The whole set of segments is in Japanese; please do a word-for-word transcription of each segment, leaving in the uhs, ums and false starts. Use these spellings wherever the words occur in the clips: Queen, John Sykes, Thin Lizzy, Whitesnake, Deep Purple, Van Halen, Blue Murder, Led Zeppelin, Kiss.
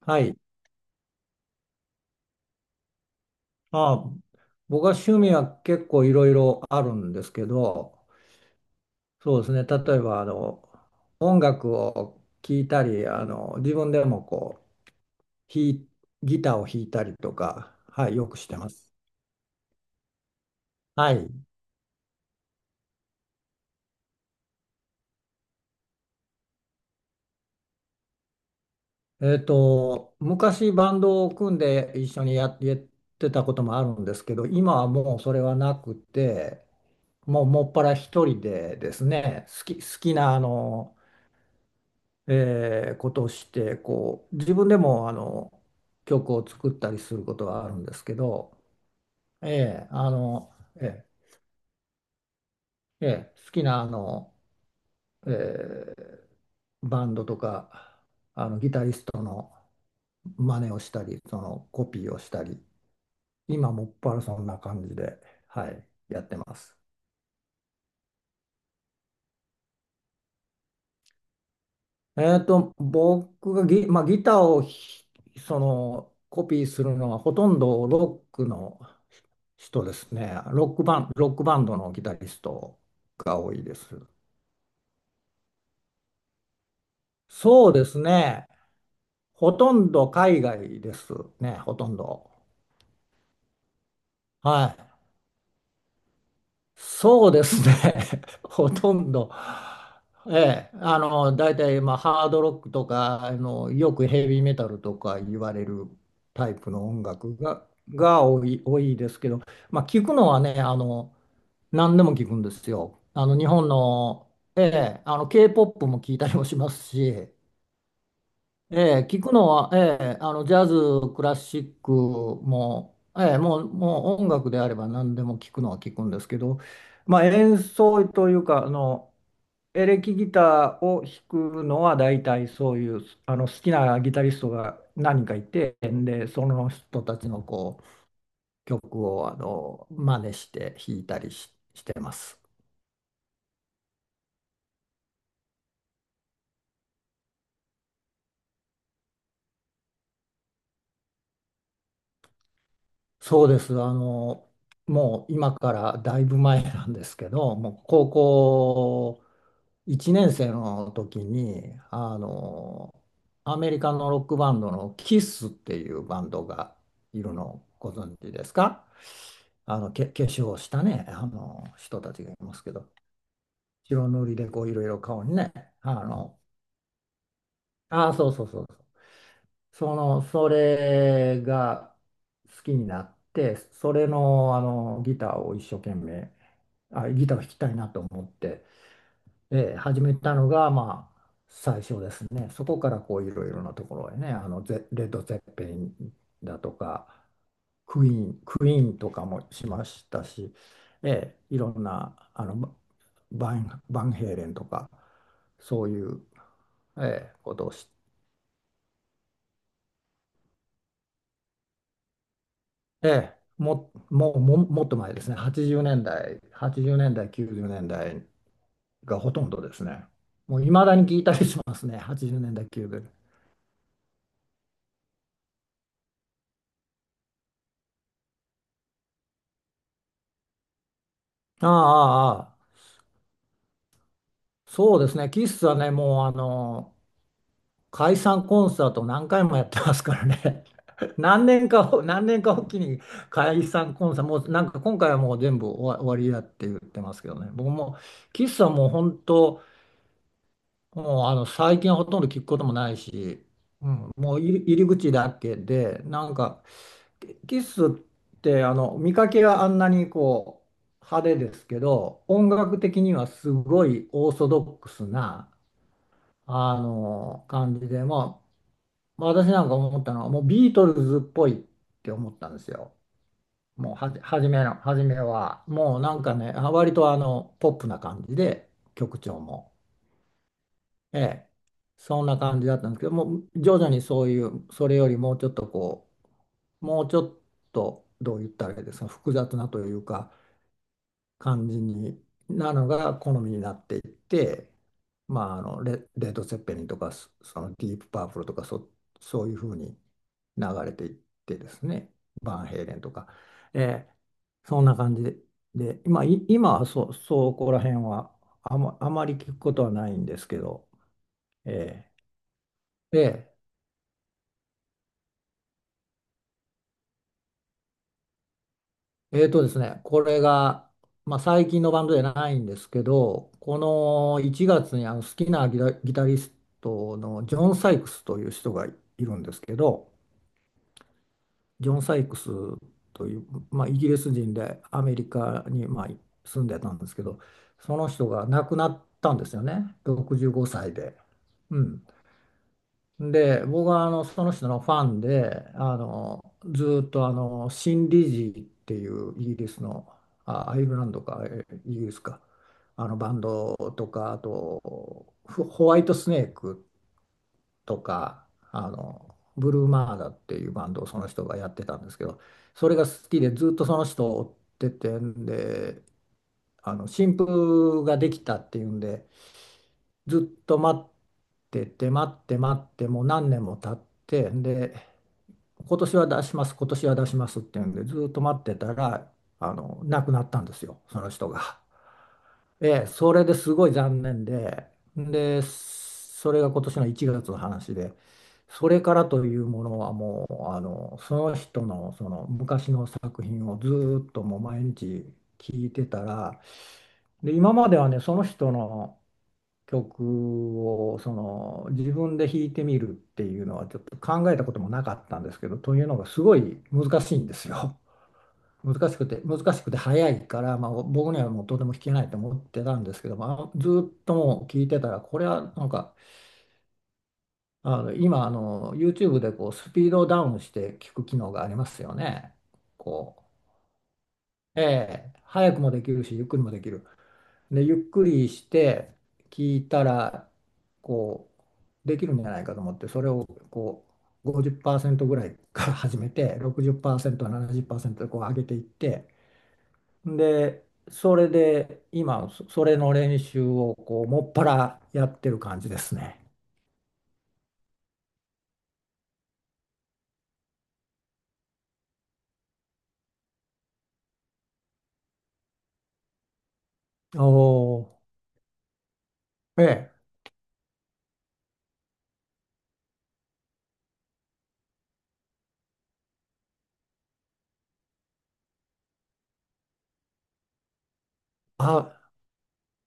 はい。まあ、僕は趣味は結構いろいろあるんですけど、そうですね。例えば、あの、音楽を聴いたり、あの、自分でもこう、弾いギターを弾いたりとか、はい、よくしてます。はい。えっと、昔バンドを組んで一緒にややってたこともあるんですけど、今はもうそれはなくて、もうもっぱら一人でですね、好き、好きなあのえーことをしてこう自分でもあの曲を作ったりすることはあるんですけど、えーあのえーえー好きなあの、えーバンドとかあのギタリストの真似をしたりそのコピーをしたり今もっぱらそんな感じで、はい、やってます。えっと、僕がギ、まあ、ギターをひそのコピーするのはほとんどロックの人ですね。ロックバン、ロックバンドのギタリストが多いです。そうですね。ほとんど海外ですね、ほとんど。はい。そうですね。ほとんど。ええ、あの、大体、まあ、ハードロックとか、あの、よくヘビーメタルとか言われるタイプの音楽が、が多い、多いですけど、まあ、聞くのはね、あの、何でも聞くんですよ。あの、日本の、ええ、あの、K-ケーポップ も聞いたりもしますし、ええ、聞くのは、ええ、あの、ジャズ、クラシックも、ええ、もう、もう音楽であれば何でも聞くのは聞くんですけど、まあ、演奏というか、あの、エレキギターを弾くのは大体そういう、あの、好きなギタリストが何人かいて、で、その人たちのこう、曲を、あの、真似して弾いたりし、してます。そうです。あの、もう今からだいぶ前なんですけど、もう高校いちねん生の時に、あの、アメリカのロックバンドのキスっていうバンドがいるのご存知ですか？あの、け、化粧をしたね、あの、人たちがいますけど、白塗りでこういろいろ顔にね、あの、ああ、そうそうそうそう。その、それが好きになって、それの、あの、ギターを一生懸命、あ、ギターを弾きたいなと思って、えー始めたのが、まあ、最初ですね。そこからこういろいろなところへね、あのゼ、レッド・ゼッペリンだとか、クイーン、クイーンとかもしましたし、えーいろんなあのババン、バンヘイレンとか、そういう、えーことをして、も、もう、も、もっと前ですね、はちじゅうねんだい、はちじゅうねんだい、きゅうじゅうねんだいがほとんどですね。もういまだに聞いたりしますね、はちじゅうねんだい、きゅうじゅうねんだい。ああ、ああ、そうですね、キスはね、もうあの解散コンサートを何回もやってますからね、何年かを、何年かおきに解散コンサート、もうなんか今回はもう全部終わ、終わりだって言ってますけどね、僕もキスはもう本当、もうあの最近はほとんど聞くこともないし、もう入り入り口だけで、なんかキスってあの見かけがあんなにこう派手ですけど、音楽的にはすごいオーソドックスな。あの感じで、まあ、私なんか思ったのは、もうビートルズっぽいって思ったんですよ。もうはじ、初めの、初めは、もうなんかね、あ割とあの、ポップな感じで、曲調も。ええ、そんな感じだったんですけど、もう徐々にそういう、それよりもうちょっとこう、もうちょっと、どう言ったらいいですか、複雑なというか、感じになのが好みになっていって、まあ、あのレ、レッド・ツェッペリンとかそそのディープ・パープルとかそ、そういうふうに流れていってですねバンヘイレンとか、えーそんな感じで、でまあ、い今はそ、そこら辺はあま、あまり聞くことはないんですけど、えーでえーとですね、これが、まあ、最近のバンドじゃないんですけど、このいちがつにあの好きなギタ、ギタリストのジョン・サイクスという人がいるんですけど、ジョン・サイクスという、まあ、イギリス人でアメリカに、まあ、住んでたんですけど、その人が亡くなったんですよね、ろくじゅうごさいで。うんで、僕はあのその人のファンで、あのずーっとあのシン・リジーっていうイギリスの、あ、アイルランドか、えイギリスか、あのバンドとか、あとホホワイトスネークとか、あのブルーマーダっていうバンドをその人がやってたんですけど、それが好きでずーっとその人を追っててんで、あの新譜ができたっていうんで、ずっと待ってて待って待ってもう何年も経ってで今年は出します今年は出しますっていうんでずっと待ってたらあの亡くなったんですよその人が。ええ、それですごい残念ででそれが今年のいちがつの話でそれからというものはもうあのその人のその昔の作品をずーっともう毎日聞いてたらで今まではねその人の曲をその自分で弾いてみるっていうのはちょっと考えたこともなかったんですけど、というのがすごい難しいんですよ。難しくて、難しくて早いから、まあ、僕にはもうとても弾けないと思ってたんですけど、まあ、ずっともう聞いてたら、これはなんか、あの今あの YouTube でこうスピードをダウンして聞く機能がありますよね。こう、ええ、早くもできるし、ゆっくりもできる。で、ゆっくりして聞いたら、こう、できるんじゃないかと思って、それをこう、ごじゅうパーセントぐらいから始めて、ろくじゅうパーセント、ななじゅうパーセントでこう上げていって、で、それで今、そそれの練習をこう、もっぱらやってる感じですね。おお、ええ、あ、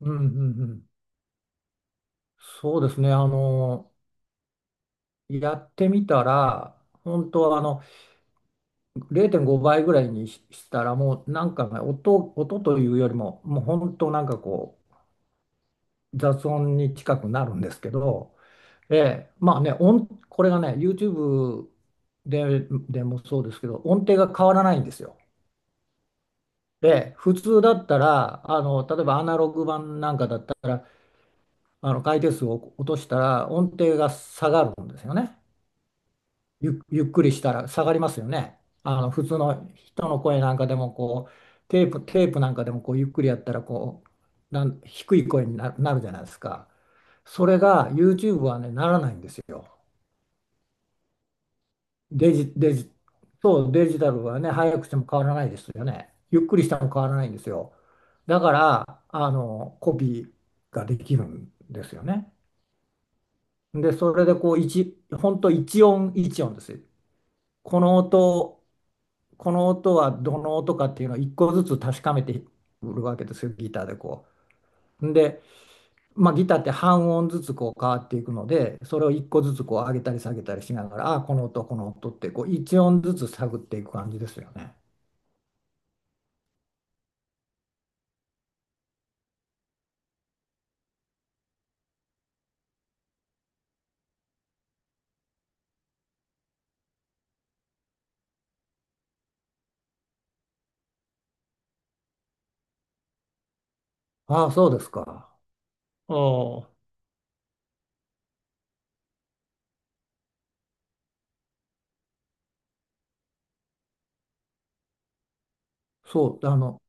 うんうんうん。そうですね、あの、やってみたら、本当あの、れいてんごばいぐらいにししたらもうなんかね音、音というよりももう本当なんかこう雑音に近くなるんですけど、ええ、まあね音これがね YouTube で、でもそうですけど音程が変わらないんですよ。で普通だったらあの例えばアナログ版なんかだったらあの回転数を落としたら音程が下がるんですよね。ゆ、ゆっくりしたら下がりますよね。あの普通の人の声なんかでもこうテープ、テープなんかでもこうゆっくりやったらこうなん低い声にな、なるじゃないですか。それが YouTube はね、ならないんですよ。デジ、デジ、そう、デジタルはね、早くしても変わらないですよね。ゆっくりしても変わらないんですよ。だから、あの、コピーができるんですよね。で、それでこう、一、本当一音一音です。この音この音はどの音かっていうのを一個ずつ確かめてくるわけですよ、ギターでこう。で、まあ、ギターって半音ずつこう変わっていくので、それを一個ずつこう上げたり下げたりしながら、ああ、この音、この音ってこう一音ずつ探っていく感じですよね。ああ、そうですか。ああ、そう、あの、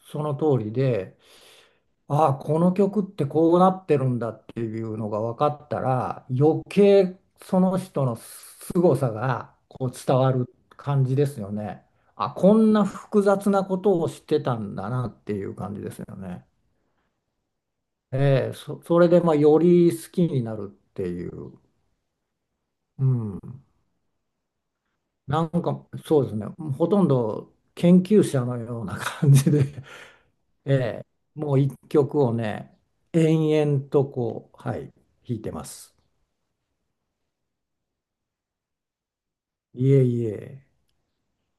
その通りで、ああ、この曲ってこうなってるんだっていうのが分かったら、余計その人の凄さがこう伝わる感じですよね。あ、こんな複雑なことをしてたんだなっていう感じですよね。ええ、そ、それでまあより好きになるっていう、うん、なんかそうですね、ほとんど研究者のような感じで、ええ、もう一曲をね、延々とこう、はい、弾いてます。いえいえ。